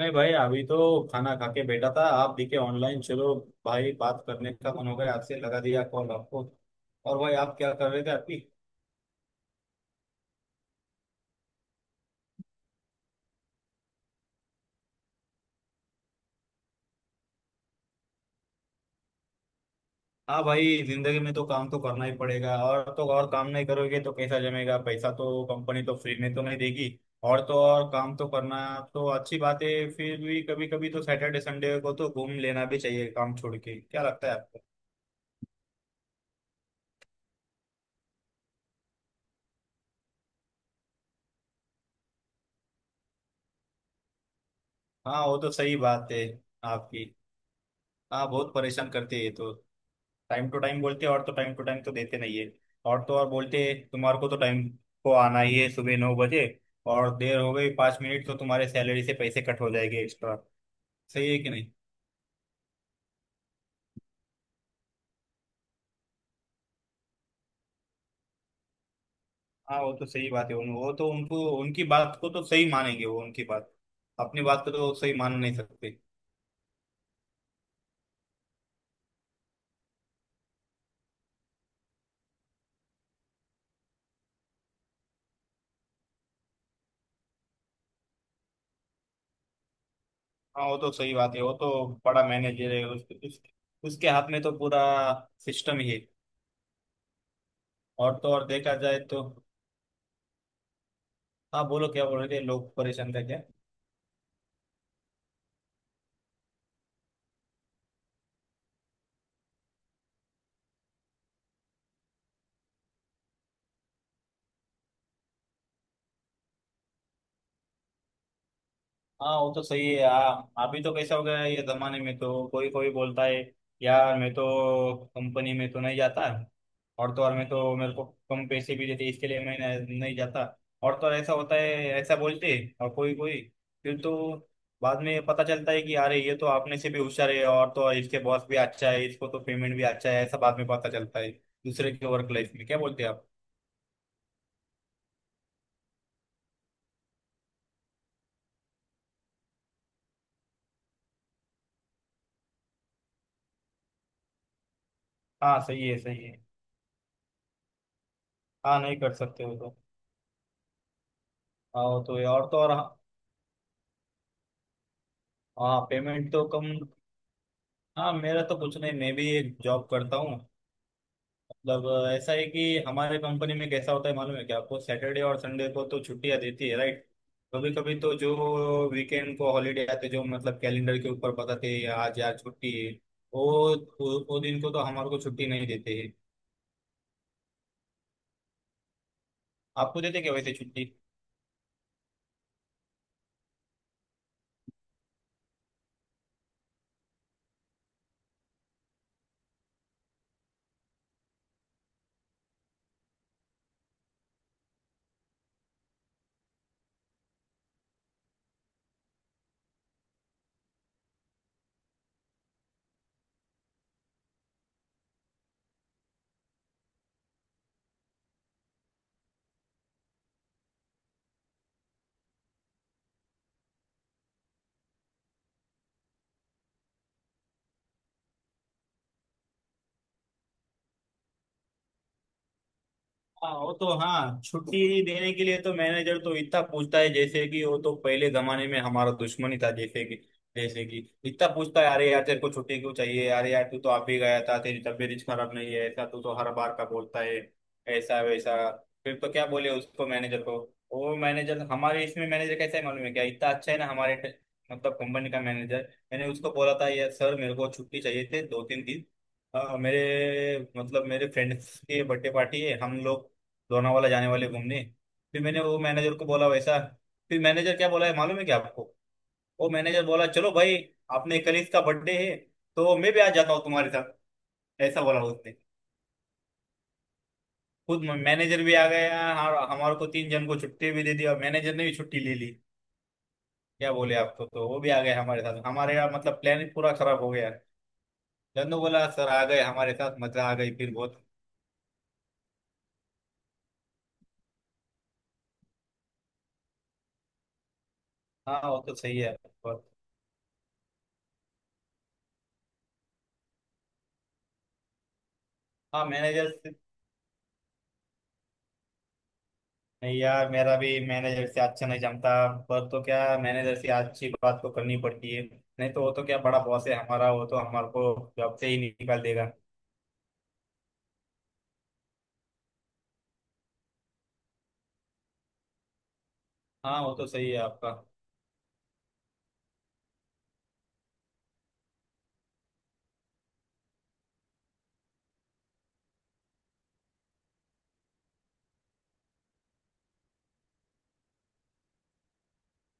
नहीं भाई, अभी तो खाना खा के बैठा था। आप दिखे ऑनलाइन, चलो भाई, बात करने का मन हो गया आपसे, लगा दिया कॉल आपको। और भाई, आप क्या कर रहे थे अभी। हाँ भाई, जिंदगी में तो काम तो करना ही पड़ेगा, और तो और काम नहीं करोगे तो कैसा जमेगा, पैसा तो कंपनी तो फ्री में तो नहीं देगी। और तो और काम तो करना तो अच्छी बात है, फिर भी कभी कभी तो सैटरडे संडे को तो घूम लेना भी चाहिए काम छोड़ के, क्या लगता है आपको। हाँ, वो तो सही बात है आपकी। हाँ, बहुत परेशान करती है ये तो। टाइम टू टाइम बोलते हैं और तो टाइम टू टाइम तो देते नहीं है। और तो और बोलते हैं तुम्हारे को तो टाइम को आना ही है सुबह 9 बजे, और देर हो गई 5 मिनट तो तुम्हारे सैलरी से पैसे कट हो जाएंगे एक्स्ट्रा। सही है कि नहीं। हाँ, वो तो सही बात है। उन वो तो उनको उनकी बात को तो सही मानेंगे, वो उनकी बात। अपनी बात को तो सही मान नहीं सकते। हाँ वो तो सही बात है वो तो। बड़ा मैनेजर है उसके हाथ में तो पूरा सिस्टम ही है। और तो और देखा जाए तो। हाँ बोलो, क्या बोल रहे थे, लोग परेशान थे क्या। हाँ वो तो सही है। हाँ अभी तो कैसा हो गया है ये जमाने में, तो कोई कोई बोलता है यार मैं तो कंपनी में तो नहीं जाता, और तो और मैं तो मेरे को कम पैसे भी देते इसके लिए मैं नहीं नहीं जाता। और तो और ऐसा होता है, ऐसा बोलते हैं, और कोई कोई फिर तो बाद में पता चलता है कि अरे ये तो आपने से भी होशियार है, और तो और इसके बॉस भी अच्छा है, इसको तो पेमेंट भी अच्छा है, ऐसा बाद में पता चलता है दूसरे के वर्क लाइफ में, क्या बोलते हैं आप। हाँ सही है, सही है। हाँ नहीं कर सकते हो तो। हाँ वो तो है। और तो और हाँ। हाँ, पेमेंट तो कम। हाँ, मेरा तो कुछ नहीं, मैं भी एक जॉब करता हूँ। मतलब ऐसा है कि हमारे कंपनी में कैसा होता है मालूम है क्या आपको, सैटरडे और संडे को तो छुट्टियाँ देती है, राइट। कभी कभी तो जो वीकेंड को हॉलीडे आते, जो मतलब कैलेंडर के ऊपर बताते हैं आज यार छुट्टी है, वो वो दिन को तो हमारे को छुट्टी नहीं देते हैं। आपको देते क्या वैसे छुट्टी। हाँ वो तो। हाँ, छुट्टी देने के लिए तो मैनेजर तो इतना पूछता है, जैसे कि वो तो पहले जमाने में हमारा दुश्मन ही था। जैसे कि इतना पूछता है, अरे यार तेरे को छुट्टी क्यों चाहिए, अरे यार तू तो आप ही गया था, तेरी तबीयत खराब नहीं है, ऐसा तू तो हर बार का बोलता है, ऐसा वैसा। फिर तो क्या बोले उसको मैनेजर को। वो मैनेजर हमारे इसमें मैनेजर कैसा है मालूम है क्या, इतना अच्छा है ना हमारे मतलब कंपनी का मैनेजर। मैंने उसको बोला था, यार सर मेरे को छुट्टी चाहिए थे 2 3 दिन। हाँ मेरे, मतलब मेरे फ्रेंड्स की बर्थडे पार्टी है, हम लोग लोनावाला जाने वाले घूमने। फिर मैंने वो मैनेजर को बोला वैसा। फिर मैनेजर क्या बोला है मालूम है क्या आपको। वो मैनेजर बोला, चलो भाई, आपने कलीस का बर्थडे है, तो मैं भी आ जाता हूँ तुम्हारे साथ, ऐसा बोला उसने। खुद मैनेजर भी आ गया, और हमारे को 3 जन को छुट्टी भी दे दी, और मैनेजर ने भी छुट्टी ले ली। क्या बोले आपको, तो वो भी आ गए हमारे साथ, हमारे यहाँ मतलब प्लान पूरा खराब हो गया। जन्नू बोला सर आ गए हमारे साथ, मजा आ गई फिर बहुत। हाँ वो तो सही है बहुत। हाँ मैनेजर। नहीं यार, मेरा भी मैनेजर से अच्छा नहीं जमता। पर तो क्या, मैनेजर से अच्छी बात तो करनी पड़ती है, नहीं तो वो तो क्या, बड़ा बॉस है हमारा, वो तो हमारे को जॉब से ही निकाल देगा। हाँ वो तो सही है आपका।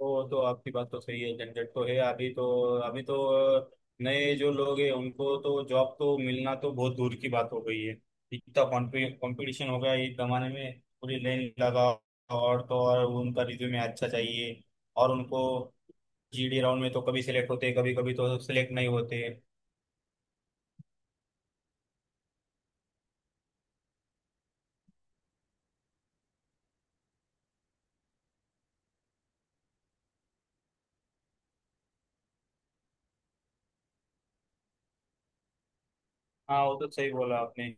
वो तो आपकी बात तो सही है, झंझट तो है। अभी तो, अभी तो नए जो लोग हैं उनको तो जॉब तो मिलना तो बहुत दूर की बात हो गई है, इतना कंपटीशन हो गया है इस जमाने में, पूरी लाइन लगा। और तो और उनका रिज्यूमे अच्छा चाहिए, और उनको जीडी राउंड में तो कभी सिलेक्ट होते, कभी कभी तो सिलेक्ट नहीं होते। हाँ वो तो सही बोला आपने।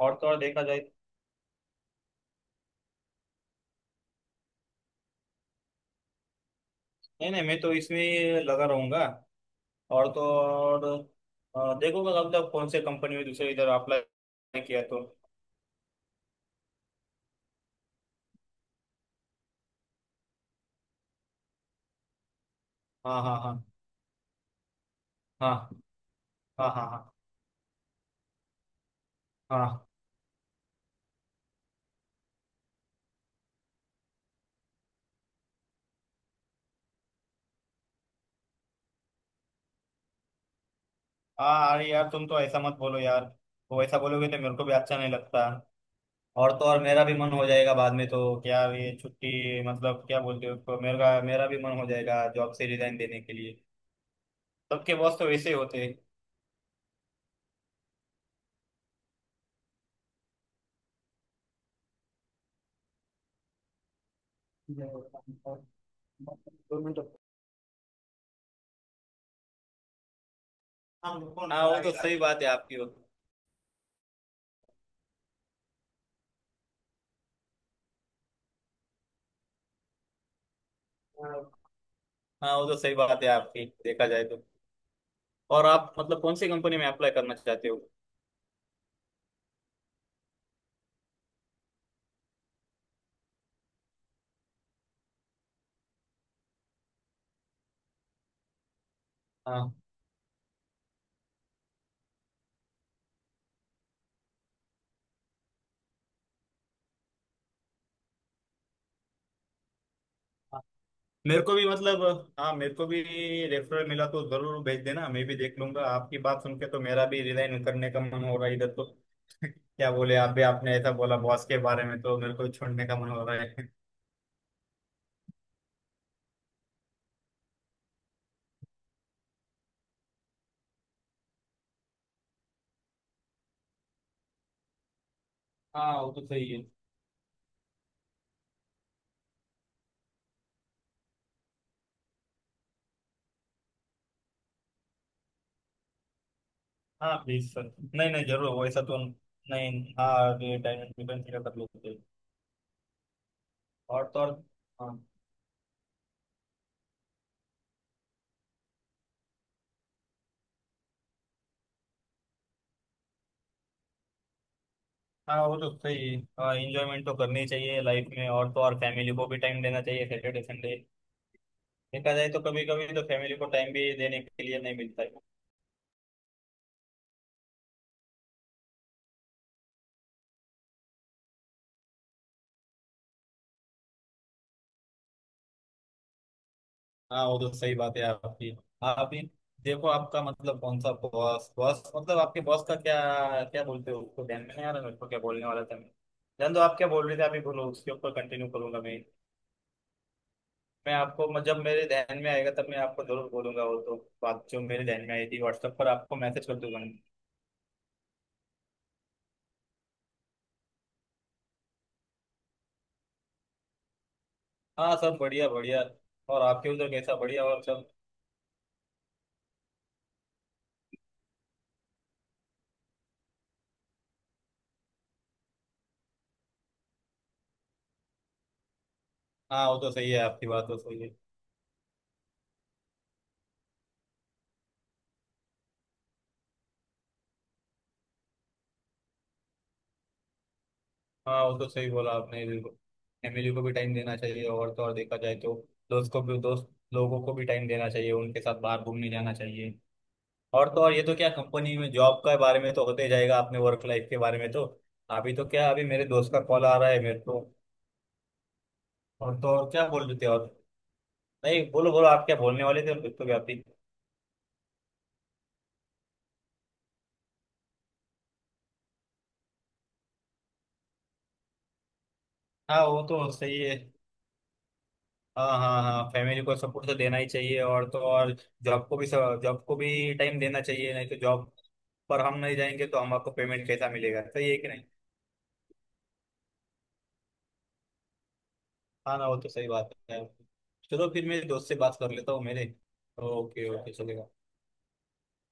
और तो और देखा जाए। नहीं नहीं, मैं तो इसमें लगा रहूंगा। और तो और देखो मैं मतलब कौन से कंपनी में दूसरे इधर अप्लाई किया तो। हाँ हाँ हाँ। हाँ हाँ हाँ। हाँ हाँ। हाँ, अरे यार तुम तो ऐसा मत बोलो यार, वो ऐसा बोलोगे तो मेरे को भी अच्छा नहीं लगता। और तो और मेरा भी मन हो जाएगा बाद में, तो क्या ये छुट्टी मतलब क्या बोलते हो उसको, मेरा मेरा भी मन हो जाएगा जॉब से रिजाइन देने के लिए। सबके बॉस तो वैसे ही होते हैं। हाँ वो तो सही बात है आपकी, वो। हाँ वो तो सही बात है आपकी, देखा जाए तो। और आप मतलब कौन सी कंपनी में अप्लाई करना चाहते हो। हाँ मेरे को भी मतलब। हाँ मेरे को भी रेफरल मिला तो जरूर भेज देना, मैं भी देख लूंगा। आपकी बात सुन के तो मेरा भी रिजाइन करने का मन हो रहा है इधर तो। क्या बोले, आप भी आपने ऐसा बोला बॉस के बारे में, तो मेरे को भी छोड़ने का मन हो रहा है। हाँ वो तो सही है। हाँ प्लीज सर। नहीं नहीं, जरूर वैसा तो नहीं। हाँ डायमंड डिफेंस का कर लेते हैं। और तो और हाँ। हाँ वो तो सही है, इंजॉयमेंट तो करनी ही चाहिए लाइफ में, और तो और फैमिली को भी टाइम देना चाहिए सैटरडे संडे। देखा जाए तो कभी कभी तो फैमिली को टाइम भी देने के लिए नहीं मिलता है। हाँ वो तो सही बात है आपकी। आप ही देखो, आपका मतलब कौन सा बॉस, बॉस मतलब आपके बॉस का क्या क्या बोलते हो उसको, ध्यान में नहीं आ रहा मेरे को क्या बोलने वाला था मैं। जान दो, आप क्या बोल रहे थे आप ही बोलो, उसके ऊपर कंटिन्यू करूंगा मैं। मैं आपको जब मेरे ध्यान में आएगा तब मैं आपको जरूर बोलूंगा वो तो, बात जो मेरे ध्यान में आई थी व्हाट्सएप पर आपको मैसेज कर दूंगा मैं। हाँ सब बढ़िया बढ़िया। और आपके उधर कैसा बढ़िया और सब। हाँ वो तो सही है आपकी बात तो सही है। हाँ वो तो सही बोला आपने बिल्कुल, फैमिली को भी टाइम देना चाहिए, और तो और देखा जाए तो, दोस्त लोगों को भी टाइम देना चाहिए, उनके साथ बाहर घूमने जाना चाहिए। और तो और ये तो क्या कंपनी में जॉब के बारे में तो होते जाएगा, अपने वर्क लाइफ के बारे में तो। अभी तो क्या, अभी मेरे दोस्त का कॉल आ रहा है मेरे को। और तो और क्या बोल रहे थे, और नहीं बोलो बोलो आप क्या बोलने वाले थे तो, भी आप भी। हाँ वो तो सही है। हाँ हाँ हाँ, फैमिली को सपोर्ट तो देना ही चाहिए, और तो और जॉब को भी, जॉब को भी टाइम देना चाहिए, नहीं तो जॉब पर हम नहीं जाएंगे तो हमको पेमेंट कैसा मिलेगा, सही है कि नहीं। हाँ ना वो तो सही बात है। चलो फिर मैं दोस्त से बात कर लेता हूँ मेरे। ओके ओके चलेगा।